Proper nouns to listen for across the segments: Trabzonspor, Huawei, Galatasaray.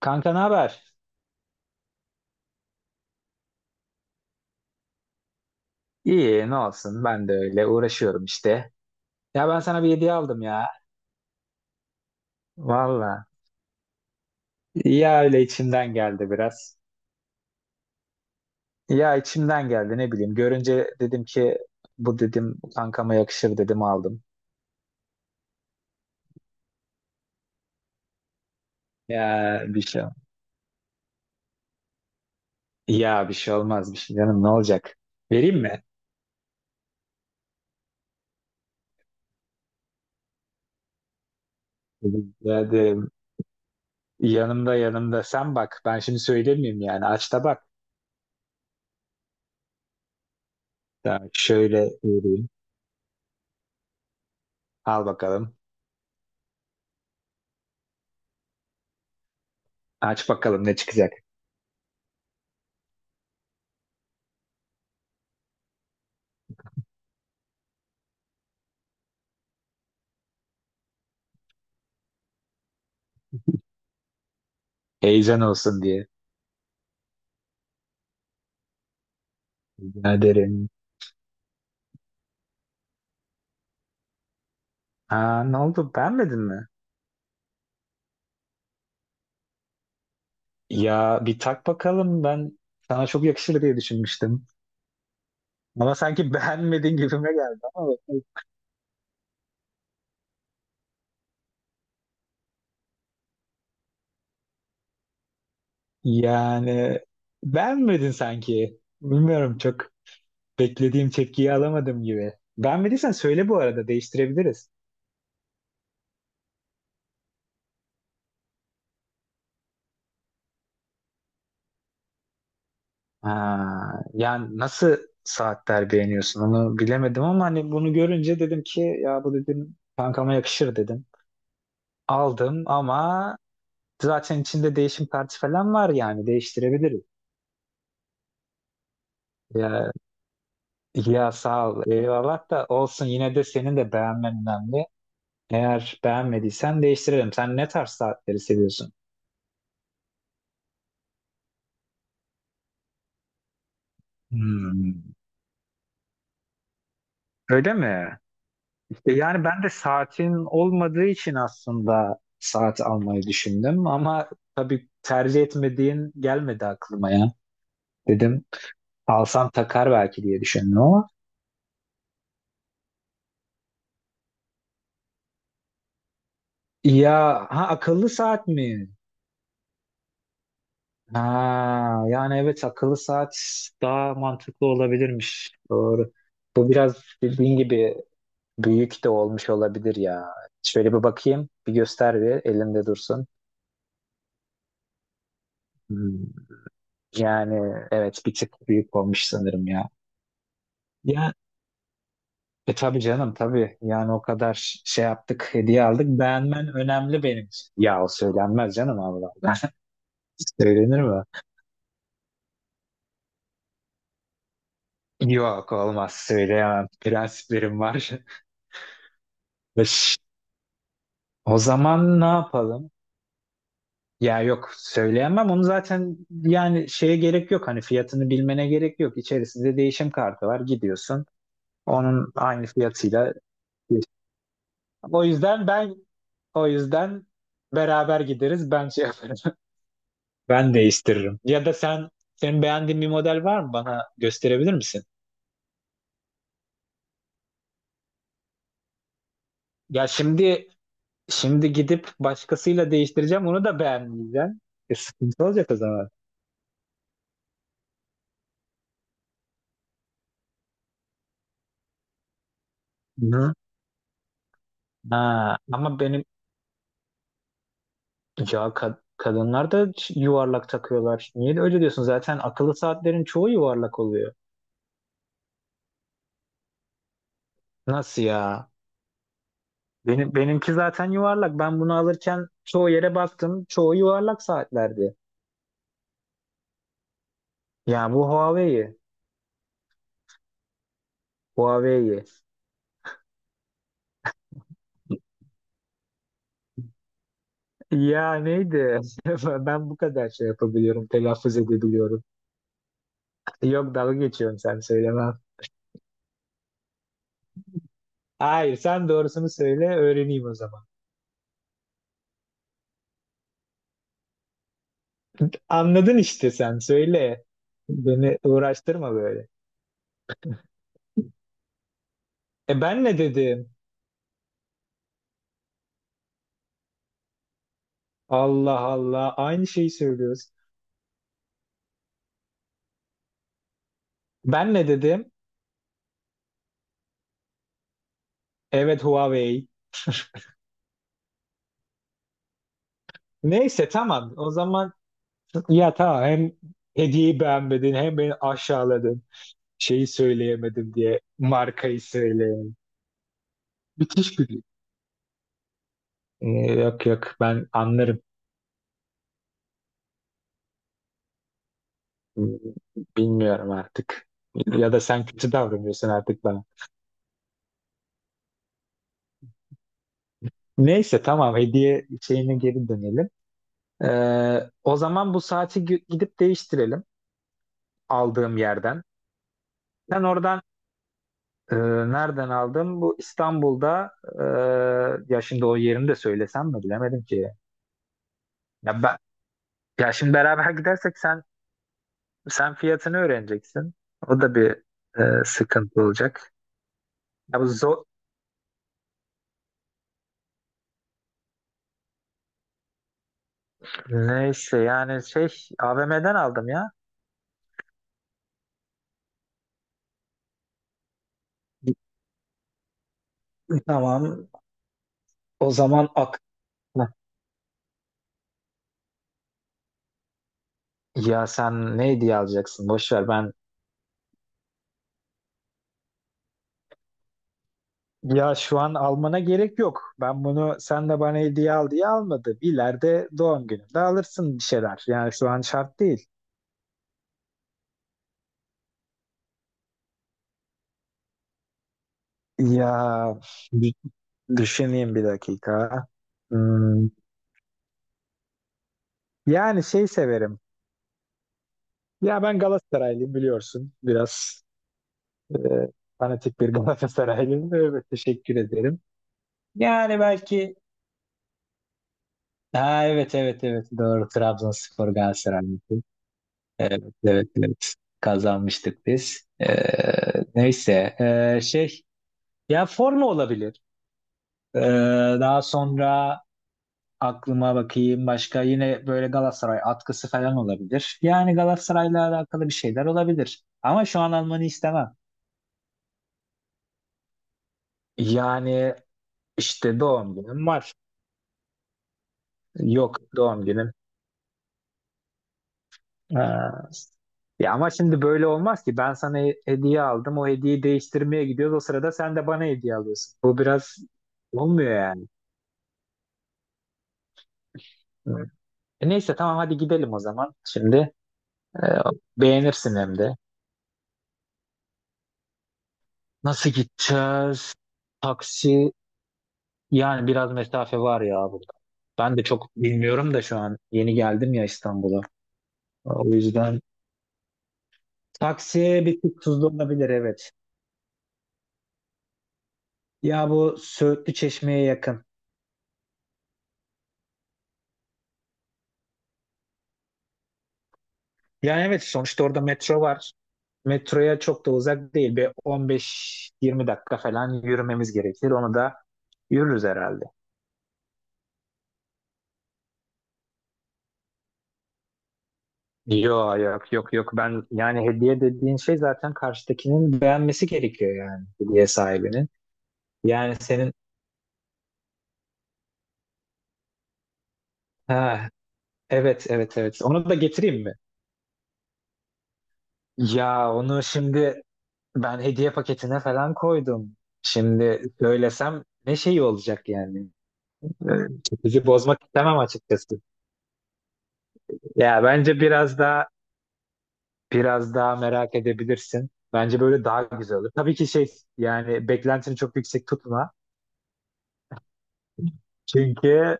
Kanka ne haber? İyi ne olsun, ben de öyle uğraşıyorum işte. Ya ben sana bir hediye aldım ya. Valla. Ya öyle içimden geldi biraz. Ya içimden geldi, ne bileyim. Görünce dedim ki bu dedim kankama yakışır dedim aldım. Ya bir şey. Ya bir şey olmaz, bir şey canım, ne olacak? Vereyim mi? Dedim, ya dedim, yanımda sen bak, ben şimdi söylemeyeyim yani, aç da bak. Ya şöyle vereyim. Al bakalım. Aç bakalım ne çıkacak. Heyecan olsun diye. Rica ederim. Aa, ne oldu? Beğenmedin mi? Ya bir tak bakalım, ben sana çok yakışır diye düşünmüştüm. Ama sanki beğenmedin gibime geldi, ama bakalım. Yani beğenmedin sanki. Bilmiyorum, çok beklediğim tepkiyi alamadım gibi. Beğenmediysen söyle, bu arada değiştirebiliriz. Aa, yani nasıl saatler beğeniyorsun onu bilemedim, ama hani bunu görünce dedim ki ya bu dedim kankama yakışır dedim. Aldım ama zaten içinde değişim partisi falan var, yani değiştirebiliriz. Ya, ya sağ ol. Eyvallah, da olsun, yine de senin de beğenmen önemli. Eğer beğenmediysen değiştirelim. Sen ne tarz saatleri seviyorsun? Hmm, öyle mi? İşte yani ben de saatin olmadığı için aslında saat almayı düşündüm, ama tabii tercih etmediğin gelmedi aklıma ya. Dedim alsam takar belki diye düşündüm ama. Ya ha, akıllı saat mi? Ha, yani evet, akıllı saat daha mantıklı olabilirmiş. Doğru. Bu biraz dediğin gibi büyük de olmuş olabilir ya. Şöyle bir bakayım, bir göster, bir elimde dursun. Hmm. Yani evet, bir tık büyük olmuş sanırım ya. Ya e tabii canım, tabii. Yani o kadar şey yaptık, hediye aldık. Beğenmen önemli benim için. Ya o söylenmez canım, Allah. Söylenir mi? Yok, olmaz, söyleyemem. Prensiplerim var. O zaman ne yapalım? Ya yok, söyleyemem onu. Zaten yani şeye gerek yok, hani fiyatını bilmene gerek yok. İçerisinde değişim kartı var, gidiyorsun onun aynı fiyatıyla. O yüzden ben, o yüzden beraber gideriz, ben şey yaparım. Ben değiştiririm. Ya da sen, beğendiğin bir model var mı, bana gösterebilir misin? Ya şimdi gidip başkasıyla değiştireceğim, onu da beğenmeyeceğim. E, sıkıntı olacak o zaman. Hı. Ha, ama benim, ya kadınlar da yuvarlak takıyorlar. Niye de öyle diyorsun? Zaten akıllı saatlerin çoğu yuvarlak oluyor. Nasıl ya? Benim, zaten yuvarlak. Ben bunu alırken çoğu yere baktım. Çoğu yuvarlak saatlerdi. Ya bu Huawei. Huawei. Ya neydi? Ben bu kadar şey yapabiliyorum, telaffuz edebiliyorum. Yok, dalga geçiyorum, sen söyleme. Hayır, sen doğrusunu söyle, öğreneyim o zaman. Anladın işte, sen söyle. Beni uğraştırma böyle. E ben ne dedim? Allah Allah. Aynı şeyi söylüyoruz. Ben ne dedim? Evet, Huawei. Neyse, tamam. O zaman ya tamam, hem hediyeyi beğenmedin hem beni aşağıladın. Şeyi söyleyemedim diye, markayı söyleyemedim. Bitiş gülü. Ee, Yok yok, ben anlarım. Bilmiyorum artık. Ya da sen kötü davranıyorsun artık bana. Neyse tamam, hediye şeyine geri dönelim. O zaman bu saati gidip değiştirelim aldığım yerden. Sen oradan, Ee, nereden aldım? Bu İstanbul'da, ya şimdi o yerini de söylesem mi bilemedim ki. Ya ben, ya şimdi beraber gidersek sen fiyatını öğreneceksin. O da bir sıkıntı olacak. Ya bu zor, neyse yani şey, AVM'den aldım ya. Tamam. O zaman ak, heh. Ya sen ne hediye alacaksın? Boş ver ben. Ya şu an almana gerek yok. Ben bunu sen de bana hediye al diye almadım. İleride doğum gününde alırsın bir şeyler. Yani şu an şart değil. Ya dü- düşüneyim bir dakika. Hmm, yani şey severim. Ya ben Galatasaraylıyım, biliyorsun. Biraz e, fanatik bir Galatasaraylıyım. Evet, teşekkür ederim. Yani belki, ha evet evet evet doğru, Trabzonspor Galatasaray maçı. Evet evet evet, kazanmıştık biz. Neyse, şey, ya forma olabilir. Ee, Daha sonra aklıma bakayım, başka yine böyle Galatasaray atkısı falan olabilir. Yani Galatasaray'la alakalı bir şeyler olabilir. Ama şu an almanı istemem. Yani işte, doğum günüm var. Yok, doğum günüm. Ee, Ya ama şimdi böyle olmaz ki. Ben sana hediye aldım. O hediyeyi değiştirmeye gidiyoruz. O sırada sen de bana hediye alıyorsun. Bu biraz olmuyor yani. Hı. E neyse tamam, hadi gidelim o zaman. Şimdi, Ee, beğenirsin hem de. Nasıl gideceğiz? Taksi, yani biraz mesafe var ya burada. Ben de çok bilmiyorum da, şu an yeni geldim ya İstanbul'a. O yüzden taksi bir tık tuzlu olabilir, evet. Ya bu Söğütlü Çeşme'ye yakın. Yani evet, sonuçta orada metro var. Metroya çok da uzak değil. Bir 15-20 dakika falan yürümemiz gerekir. Onu da yürürüz herhalde. Yok yok yok yok, ben yani hediye dediğin şey zaten karşıdakinin beğenmesi gerekiyor, yani hediye sahibinin. Yani senin, ha, evet, evet, evet. Onu da getireyim mi? Ya onu şimdi, ben hediye paketine falan koydum. Şimdi söylesem ne şey olacak yani? Bizi bozmak istemem açıkçası. Ya bence biraz daha, merak edebilirsin. Bence böyle daha güzel olur. Tabii ki şey, yani beklentini çok yüksek tutma. Çünkü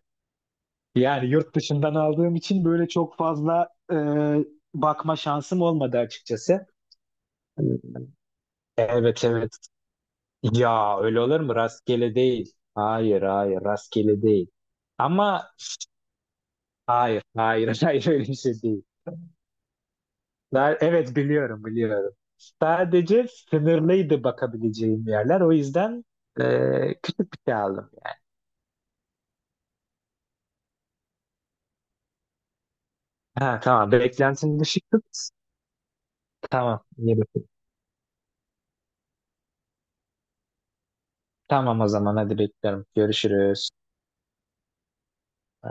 yani yurt dışından aldığım için böyle çok fazla bakma şansım olmadı açıkçası. Evet evet. Ya öyle olur mu? Rastgele değil. Hayır, hayır, rastgele değil. Ama hayır, hayır, hayır, öyle bir şey değil. Ben, evet biliyorum, biliyorum. Sadece sınırlıydı bakabileceğim yerler. O yüzden küçük bir şey aldım. Ha, tamam, beklentim dışı tut. Tamam, iyi bakın. Tamam o zaman, hadi bekliyorum. Görüşürüz.